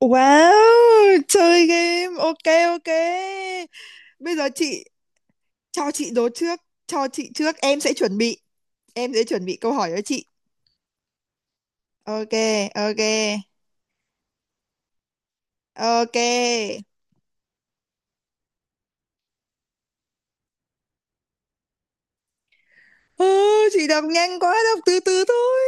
Wow, chơi game. Ok ok. Bây giờ chị cho chị đố trước, cho chị trước, em sẽ chuẩn bị câu hỏi cho chị. Ok, ok. Ok. Ừ, chị đọc nhanh quá, đọc từ từ thôi.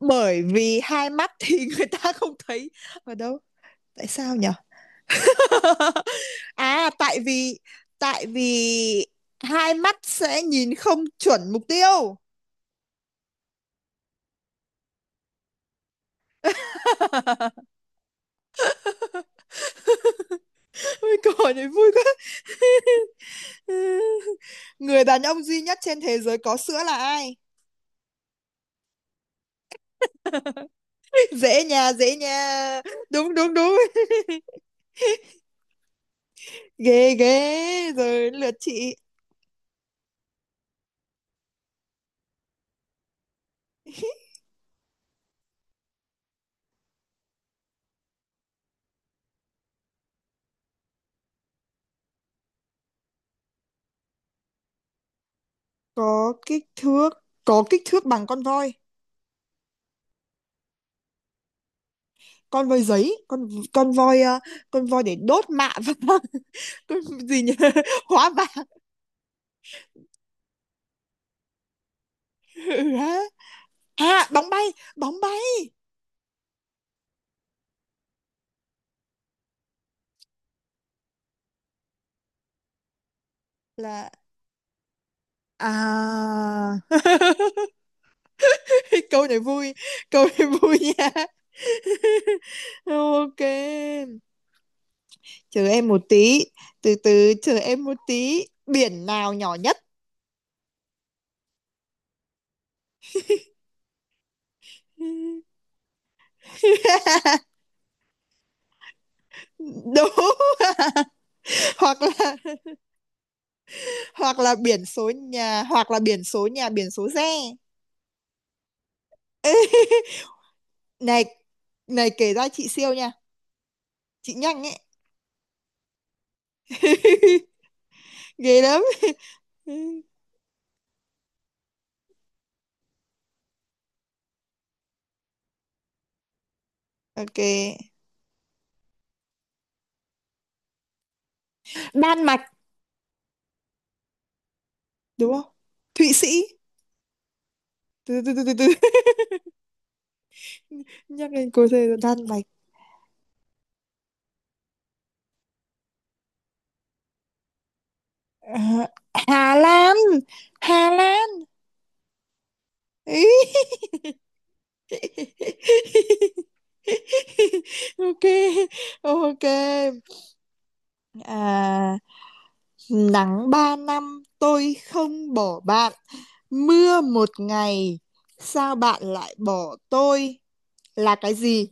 Bởi vì hai mắt thì người ta không thấy. Ở đâu? Tại sao nhở? À, tại vì hai mắt sẽ nhìn không chuẩn mục tiêu. Ôi cỏ nhảy vui quá. Người đàn ông duy nhất trên thế giới có sữa là ai? Dễ dễ nhà. Đúng, đúng, đúng. Ghê, ghê. Rồi lượt chị. Có có kích thước bằng con voi. Con voi giấy, con voi ờ, con voi để đốt mạ vàng. Con gì nhỉ? Hóa vàng. Ừ, hả? À, bóng bay là à. Câu này câu này vui nha. Ok, chờ em một tí, từ từ, chờ em một tí. Biển nào nhỏ nhất? Đúng. Hoặc là, hoặc là biển số nhà, hoặc là biển số nhà, biển số xe. Này, này kể ra chị siêu nha, chị nhanh ấy. Ghê lắm. Ok, Đan Mạch. Đúng không? Thụy Sĩ, từ từ từ từ từ. Nhắc lên cô rồi, Đan Mạch. Ờ, Hà Lan. Hà Lan. Ý. Ok, ok, à, nắng ba năm tôi không bỏ bạn, mưa một ngày sao bạn lại bỏ tôi, là cái gì?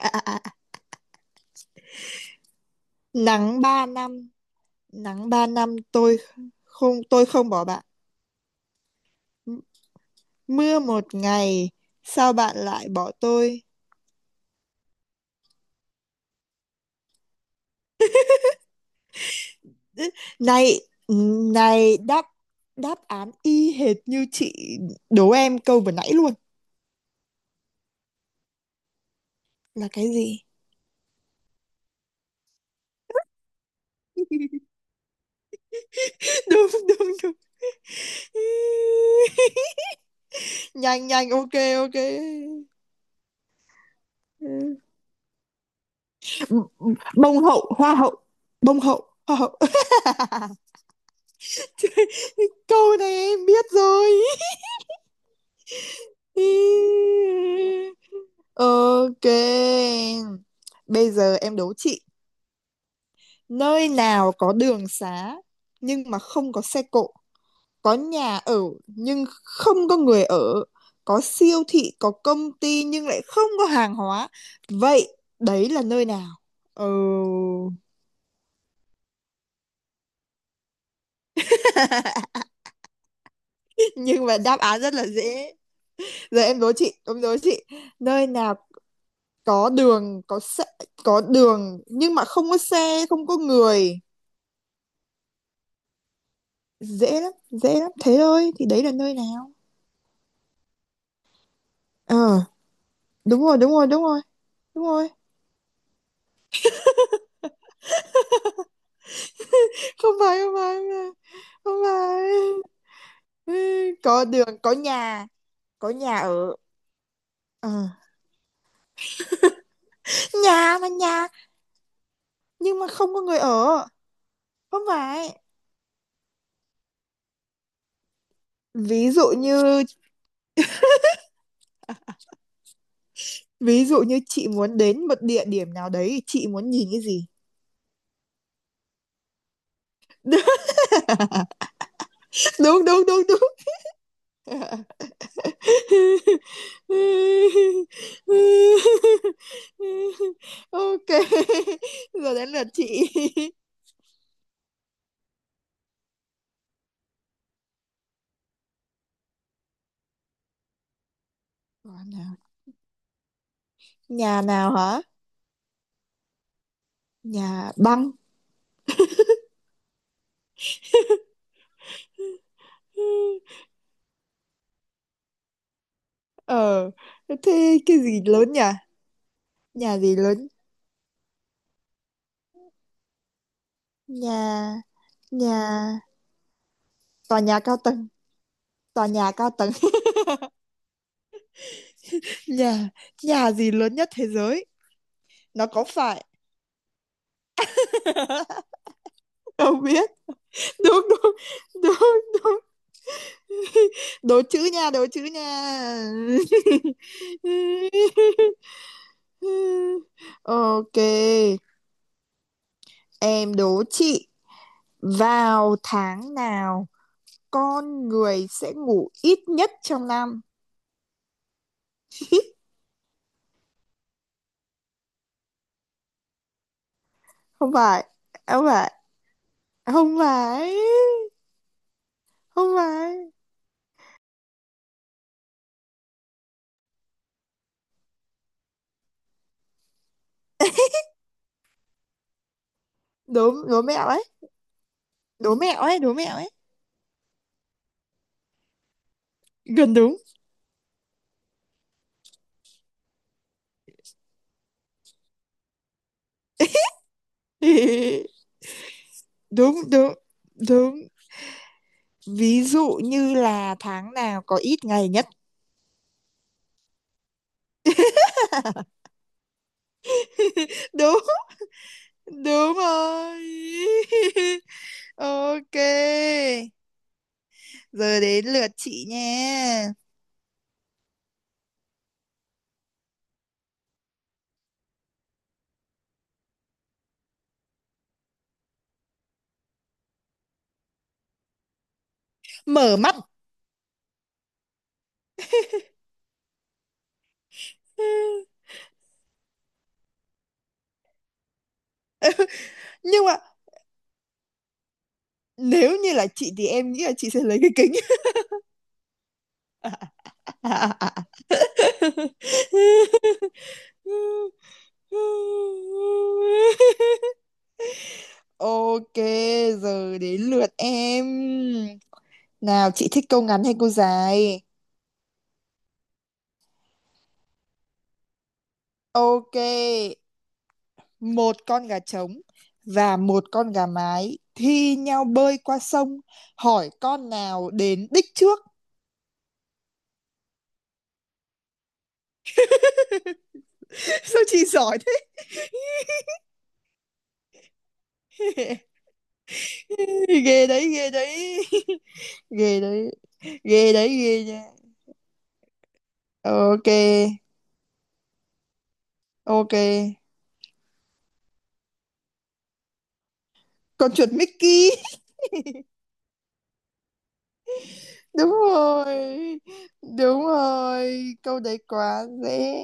À, à, à. Nắng ba năm tôi không bỏ bạn, mưa một ngày sao bạn lại bỏ tôi. Này, ừ, này đáp, đáp án y hệt như chị, đố em câu vừa nãy luôn là cái gì. Đúng, đúng, đúng. Nhanh, nhanh. Ok, ok. Ừ. Bông hậu, hoa hậu. Bông hậu, hoa hậu. Câu này em biết rồi. Ok, bây giờ em đố chị. Nơi nào có đường xá nhưng mà không có xe cộ, có nhà ở nhưng không có người ở, có siêu thị, có công ty nhưng lại không có hàng hóa. Vậy đấy là nơi nào? Ừ. Nhưng mà đáp án rất là dễ. Giờ em đố chị. Nơi nào có đường, có xe, có đường nhưng mà không có xe, không có người. Dễ lắm, dễ lắm. Thế thôi thì đấy là nơi nào? Ờ, đúng rồi, đúng rồi, đúng rồi. Đúng rồi. Không phải, không phải, không phải, không phải. Ừ, có đường, có nhà, có nhà ở. Ờ, nhà nhà nhưng mà không có người ở. Không phải. Ví dụ như, ví dụ như chị muốn đến một địa điểm nào đấy, chị muốn nhìn cái gì? Đúng, đúng, đúng, đúng. Đúng. Ok, giờ đến lượt chị. Còn nào? Nhà nào hả? Nhà băng. Ờ, thế cái gì lớn nhỉ? Nhà gì lớn? Nhà, nhà, tòa nhà cao tầng, tòa nhà cao tầng. Nhà, nhà gì lớn nhất thế giới? Nó có phải? Không biết. Đúng, đúng, đúng, đúng. Đố chữ nha, đố chữ nha. Ok, em đố chị. Vào tháng nào con người sẽ ngủ ít nhất trong năm? Không phải, không phải, không phải, không phải. Đố, đố mẹo ấy, đố mẹo ấy, đố mẹo ấy. Gần đúng. Đúng, đúng, đúng. Ví dụ như là tháng nào có ít ngày nhất. Đúng, đúng rồi. Ok, giờ đến lượt chị nha. Mở mắt. Nhưng mà nếu như là chị thì em nghĩ là chị sẽ lấy cái kính. Ok, giờ đến lượt em. Nào, chị thích câu ngắn hay câu dài? Ok, một con gà trống và một con gà mái thi nhau bơi qua sông, hỏi con nào đến đích trước. Sao chị giỏi thế? Ghê đấy, ghê đấy. Ghê đấy, ghê đấy, ghê nha. Ok, ok. Con chuột Mickey. Đúng rồi, đúng rồi, câu đấy quá dễ.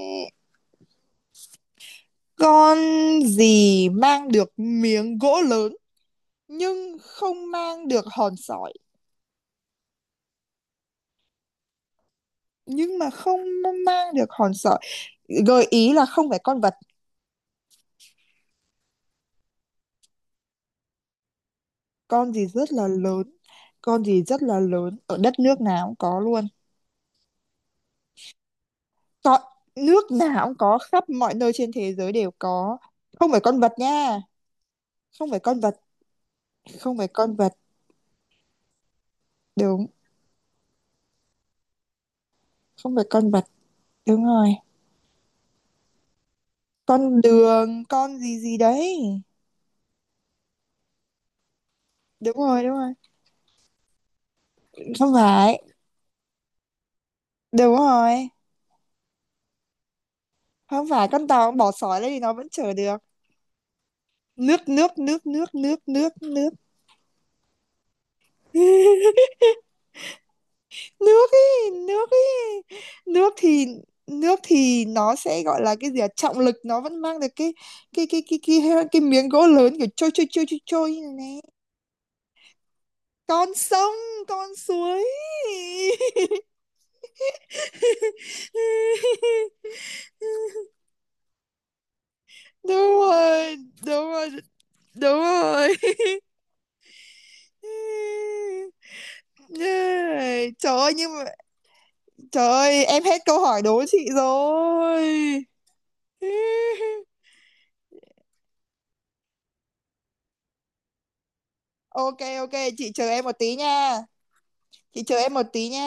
Con gì mang được miếng gỗ lớn nhưng không mang được hòn sỏi, nhưng mà không mang được hòn sỏi? Gợi ý là không phải con vật. Con gì rất là lớn, con gì rất là lớn ở đất nước nào cũng có luôn. Có, nước nào cũng có, khắp mọi nơi trên thế giới đều có, không phải con vật nha. Không phải con vật, không phải con vật. Đúng. Không phải con vật, đúng rồi. Con đường, con gì gì đấy. Đúng rồi, đúng rồi. Không phải. Đúng rồi. Không phải con tàu, bỏ sỏi lên thì nó vẫn chở được. Nước, nước, nước, nước, nước, nước, nước. Nước ý, nước ý. nước thì nước thì nó sẽ gọi là cái gì à? Trọng lực nó vẫn mang được cái miếng gỗ lớn kiểu trôi trôi trôi trôi trôi như này nè. Con sông, con suối. Đúng rồi, đúng rồi, đúng rồi. Yeah. Trời ơi nhưng mà trời ơi em hết câu hỏi đố chị rồi. Ok, ok, chị chờ em một tí nha. Chị chờ em một tí nha.